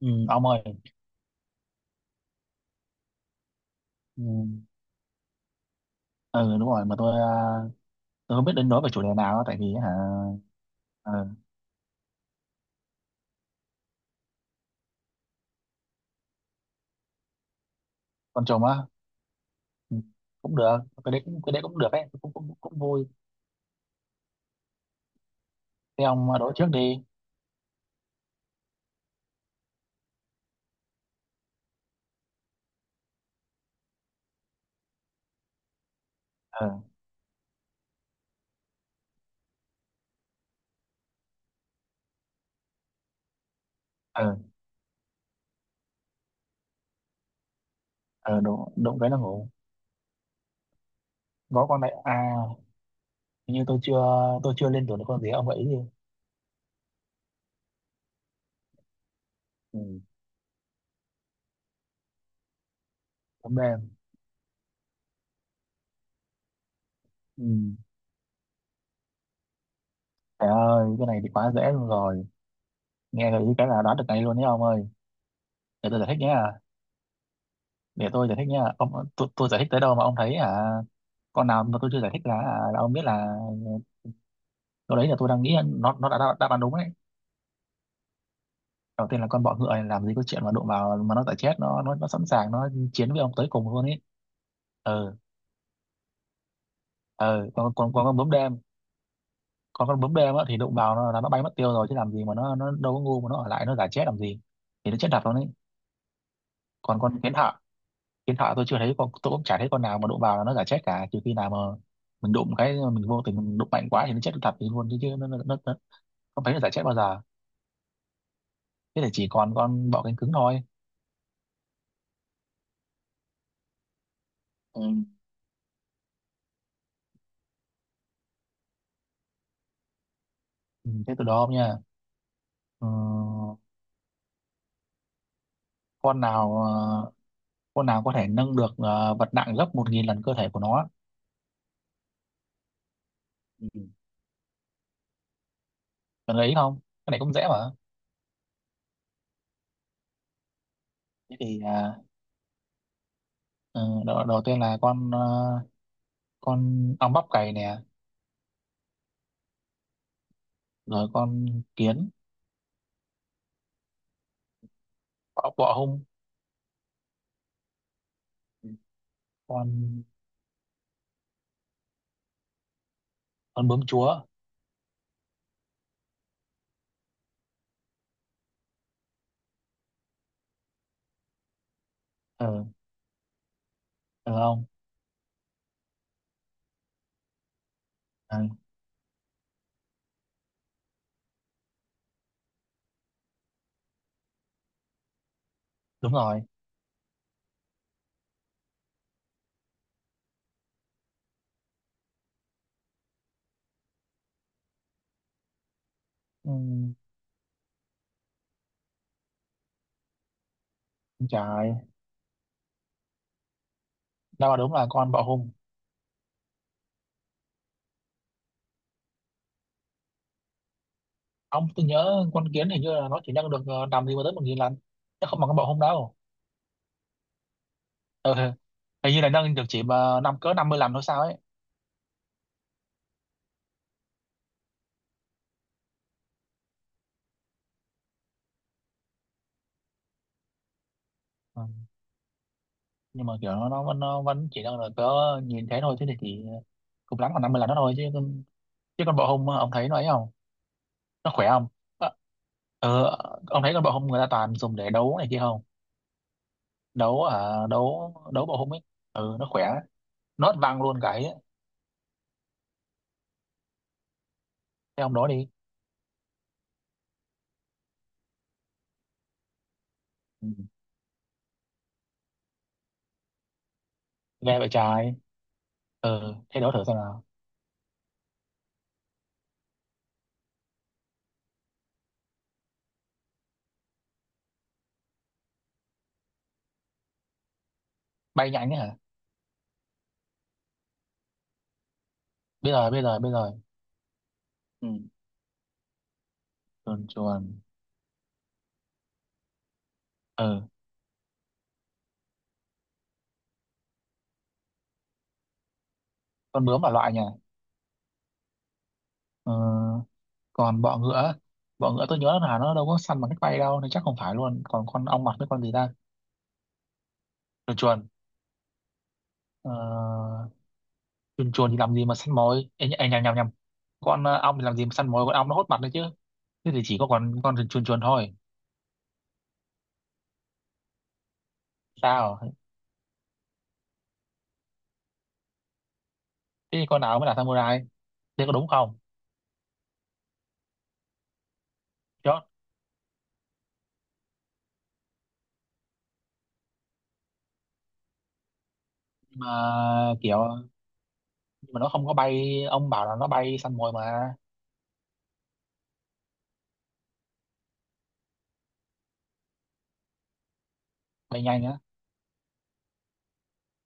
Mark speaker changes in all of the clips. Speaker 1: Ừ, ông ơi. Ừ, ừ đúng rồi. Mà tôi không biết đến nói về chủ đề nào á, tại vì hả? ờ, con chồng á. Ừ, cũng được. Cái đấy cũng được ấy, cũng cũng, cũng vui. Thế ông đối trước đi. ờ ờ ờ đụng đụng cái nó ngủ. Có con này à? Hình như tôi chưa lên tuổi được. Con gì ông gợi ý đi? Ừ, tấm đen. Ừ, trời ơi, cái này thì quá dễ luôn rồi. Nghe gợi ý cái là đoán được ngay luôn nhé ông ơi. Để tôi giải thích nhé. Để tôi giải thích nha ông. Tôi giải thích tới đâu mà ông thấy à, con nào mà tôi chưa giải thích là, à, là ông biết là lúc đấy là tôi đang nghĩ nó đã đáp đáp án đúng đấy. Đầu tiên là con bọ ngựa này, làm gì có chuyện mà đụng vào mà nó giải chết. Nó sẵn sàng nó chiến với ông tới cùng luôn ấy. Ừ. Ừ, còn còn còn con bướm đêm. Còn con bướm đêm á, thì đụng vào nó là nó bay mất tiêu rồi, chứ làm gì mà nó đâu có ngu mà nó ở lại nó giải chết làm gì. Thì nó chết thật luôn ấy. Còn con kiến thợ, hiện tại tôi chưa thấy con, tôi cũng chả thấy con nào mà đụng vào là nó giả chết cả, trừ khi nào mà mình đụng cái, mình vô tình mình đụng mạnh quá thì nó chết thật thì luôn. Chứ chứ nó không thấy nó giả chết bao giờ. Thế thì chỉ còn con bọ cánh cứng thôi. Ừ. Ừ, thế từ đó không nha. Ừ, con nào ờ, con nào có thể nâng được vật nặng gấp 1.000 lần cơ thể của nó. Ừ. Cần ấy không? Cái này cũng dễ mà. Thế thì đầu tiên là con ong bắp cày nè. Rồi con kiến, bọ hung. Ừ. con con bướm chúa. Ờ, được không? À, đúng rồi. Ừm, trời ơi. Đâu mà đúng là con bọ hung. Ông, tôi nhớ con kiến hình như là nó chỉ nâng được nằm gì mà tới 1.000 lần, chứ không bằng con bọ hung đâu. Ừ. Hình như là nâng được chỉ mà năm cỡ 50 lần thôi sao ấy. Ừ. Nhưng mà kiểu nó vẫn chỉ nâng được cỡ nhìn thế thôi, thế thì chỉ cùng lắm là 50 lần đó thôi, chứ con bọ hung ông thấy nó ấy không? Nó khỏe không? Ờ, ừ. Ông thấy con bọ hung người ta toàn dùng để đấu này kia không? Đấu đấu bọ hung ấy. Ừ, nó khỏe. Nó văng luôn cái ấy. Thế ông đó đi. Ừ. Ghê vậy trái. Ừ, thế đố thử xem nào. Bay nhanh ấy hả? Bây giờ, bây giờ, bây giờ. Ừ, chuồn chuồn. Ừ, con bướm là loại nhỉ? Ừ, còn bọ ngựa. Bọ ngựa tôi nhớ là nó đâu có săn bằng cách bay đâu, nên chắc không phải luôn. Còn con ong mật với con gì ta? Chuồn chuồn. Ờ, chuồn chuồn thì làm gì mà săn mồi? Ê, nhầm. Ong thì làm gì mà săn mồi, con ong nó hốt mặt đấy chứ. Thế thì chỉ có con chuồn chuồn thôi. Sao? Thế thì con nào mới là samurai? Thế có đúng không? Chốt. Mà kiểu nhưng mà nó không có bay, ông bảo là nó bay săn mồi mà. Bay nhanh á?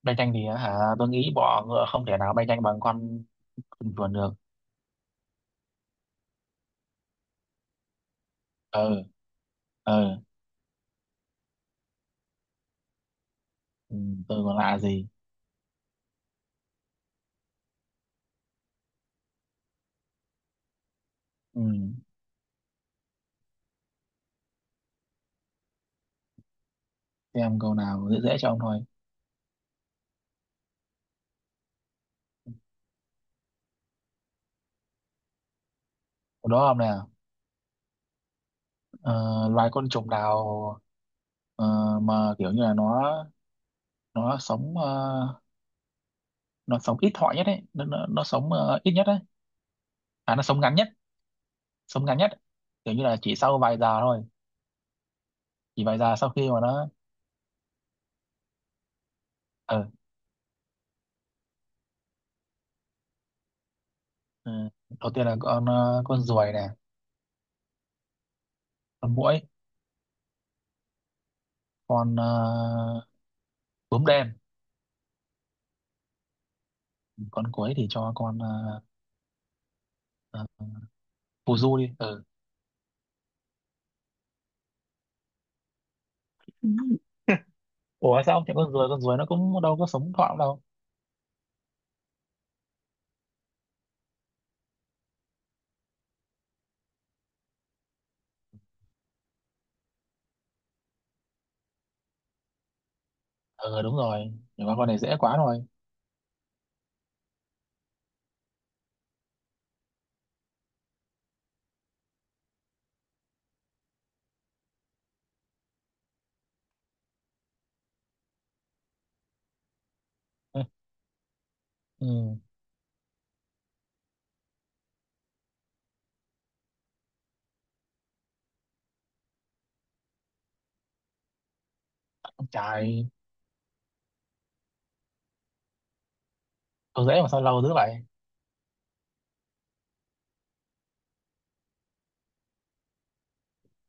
Speaker 1: Bay nhanh thì hả, tôi nghĩ bọ ngựa không thể nào bay nhanh bằng con cừu chuồn được. Ừ. Ừ, ừ, tôi còn lạ gì. Ừ, xem câu nào dễ dễ cho ông thôi. Câu đó ông nào? Ờ, Loài côn trùng nào ờ, mà kiểu như là nó, nó sống ờ, nó sống ít thọ nhất ấy. Nó sống ít nhất ấy. À, nó sống ngắn nhất. Sống ngắn nhất, kiểu như là chỉ sau vài giờ thôi. Chỉ vài giờ sau khi mà nó ờ. Ừ. Đầu tiên là con ruồi nè. Con muỗi. con ờ, bướm đen. Con cuối thì cho ờ, phù du đi. Ừ. Ủa sao không chọn con ruồi, con ruồi nó cũng đâu có sống thọ đâu. Ừ, đúng rồi. Nhưng mà con này dễ quá rồi. Ừ. Ừ, ông trời. Con dễ mà sao lâu dữ vậy?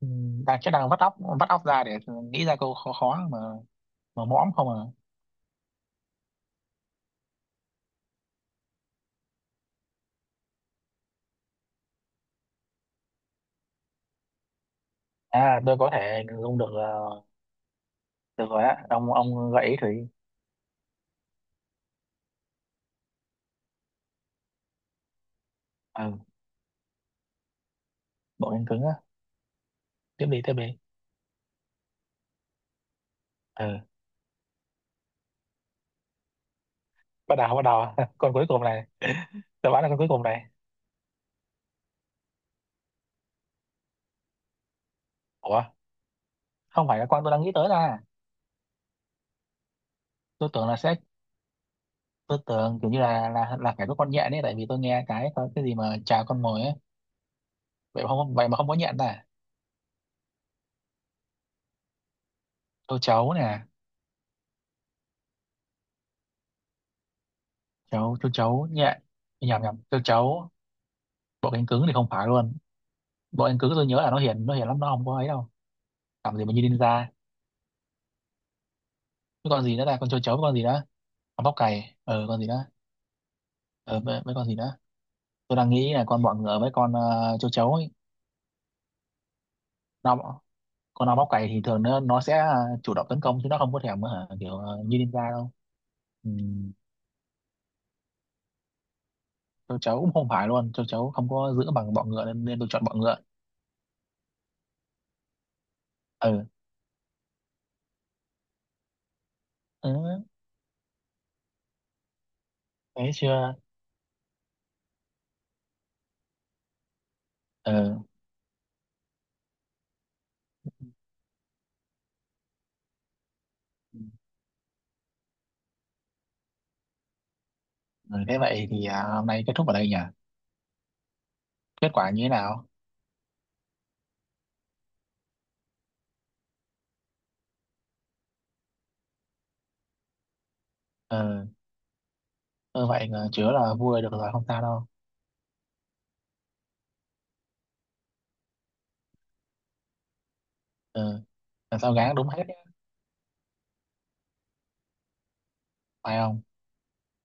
Speaker 1: Ừ. Đang chắc đang vắt óc ra để nghĩ ra câu khó khó mà. Mà mõm không à? À tôi có thể dùng được ờ. Được rồi á ông gợi ý thử đi. Ừ, bộ cánh cứng á? Tiếp đi, tiếp đi. Ừ. Bắt đầu con cuối cùng này. Tôi bán là con cuối cùng này. Ủa, không phải. Là con tôi đang nghĩ tới là, tôi tưởng là sẽ, tôi tưởng kiểu như là phải có con nhện ấy, tại vì tôi nghe cái có cái gì mà chào con mồi ấy. Vậy mà không, vậy mà không có nhện à? Châu chấu nè. Châu chấu, nhện, nhầm nhầm, châu chấu. Bộ cánh cứng thì không phải luôn. Bộ cánh cứng tôi nhớ là nó hiền lắm, nó không có ấy đâu. Làm gì mà như ninja. Cái con gì nữa, là con châu chấu với con gì đó, con bóc cày ờ con gì đó, ờ với con gì đó. Tôi đang nghĩ là con bọ ngựa với châu chấu ấy. Nó, con ong bóc cày thì thường nó sẽ chủ động tấn công, chứ nó không có thèm như ninja đâu. Ừ. Tôi cháu cũng không phải luôn, tôi cháu không có giữ bằng bọ ngựa nên, nên tôi chọn bọ ngựa. Ừ. Ừ thế chưa. Ừ. ừ Thế vậy thì à, hôm nay kết thúc ở đây nhỉ. Kết quả như thế nào? Ừ, ừ vậy là chứa là vui được rồi, không sao đâu. Ừ, làm sao gắng đúng hết. Phải không?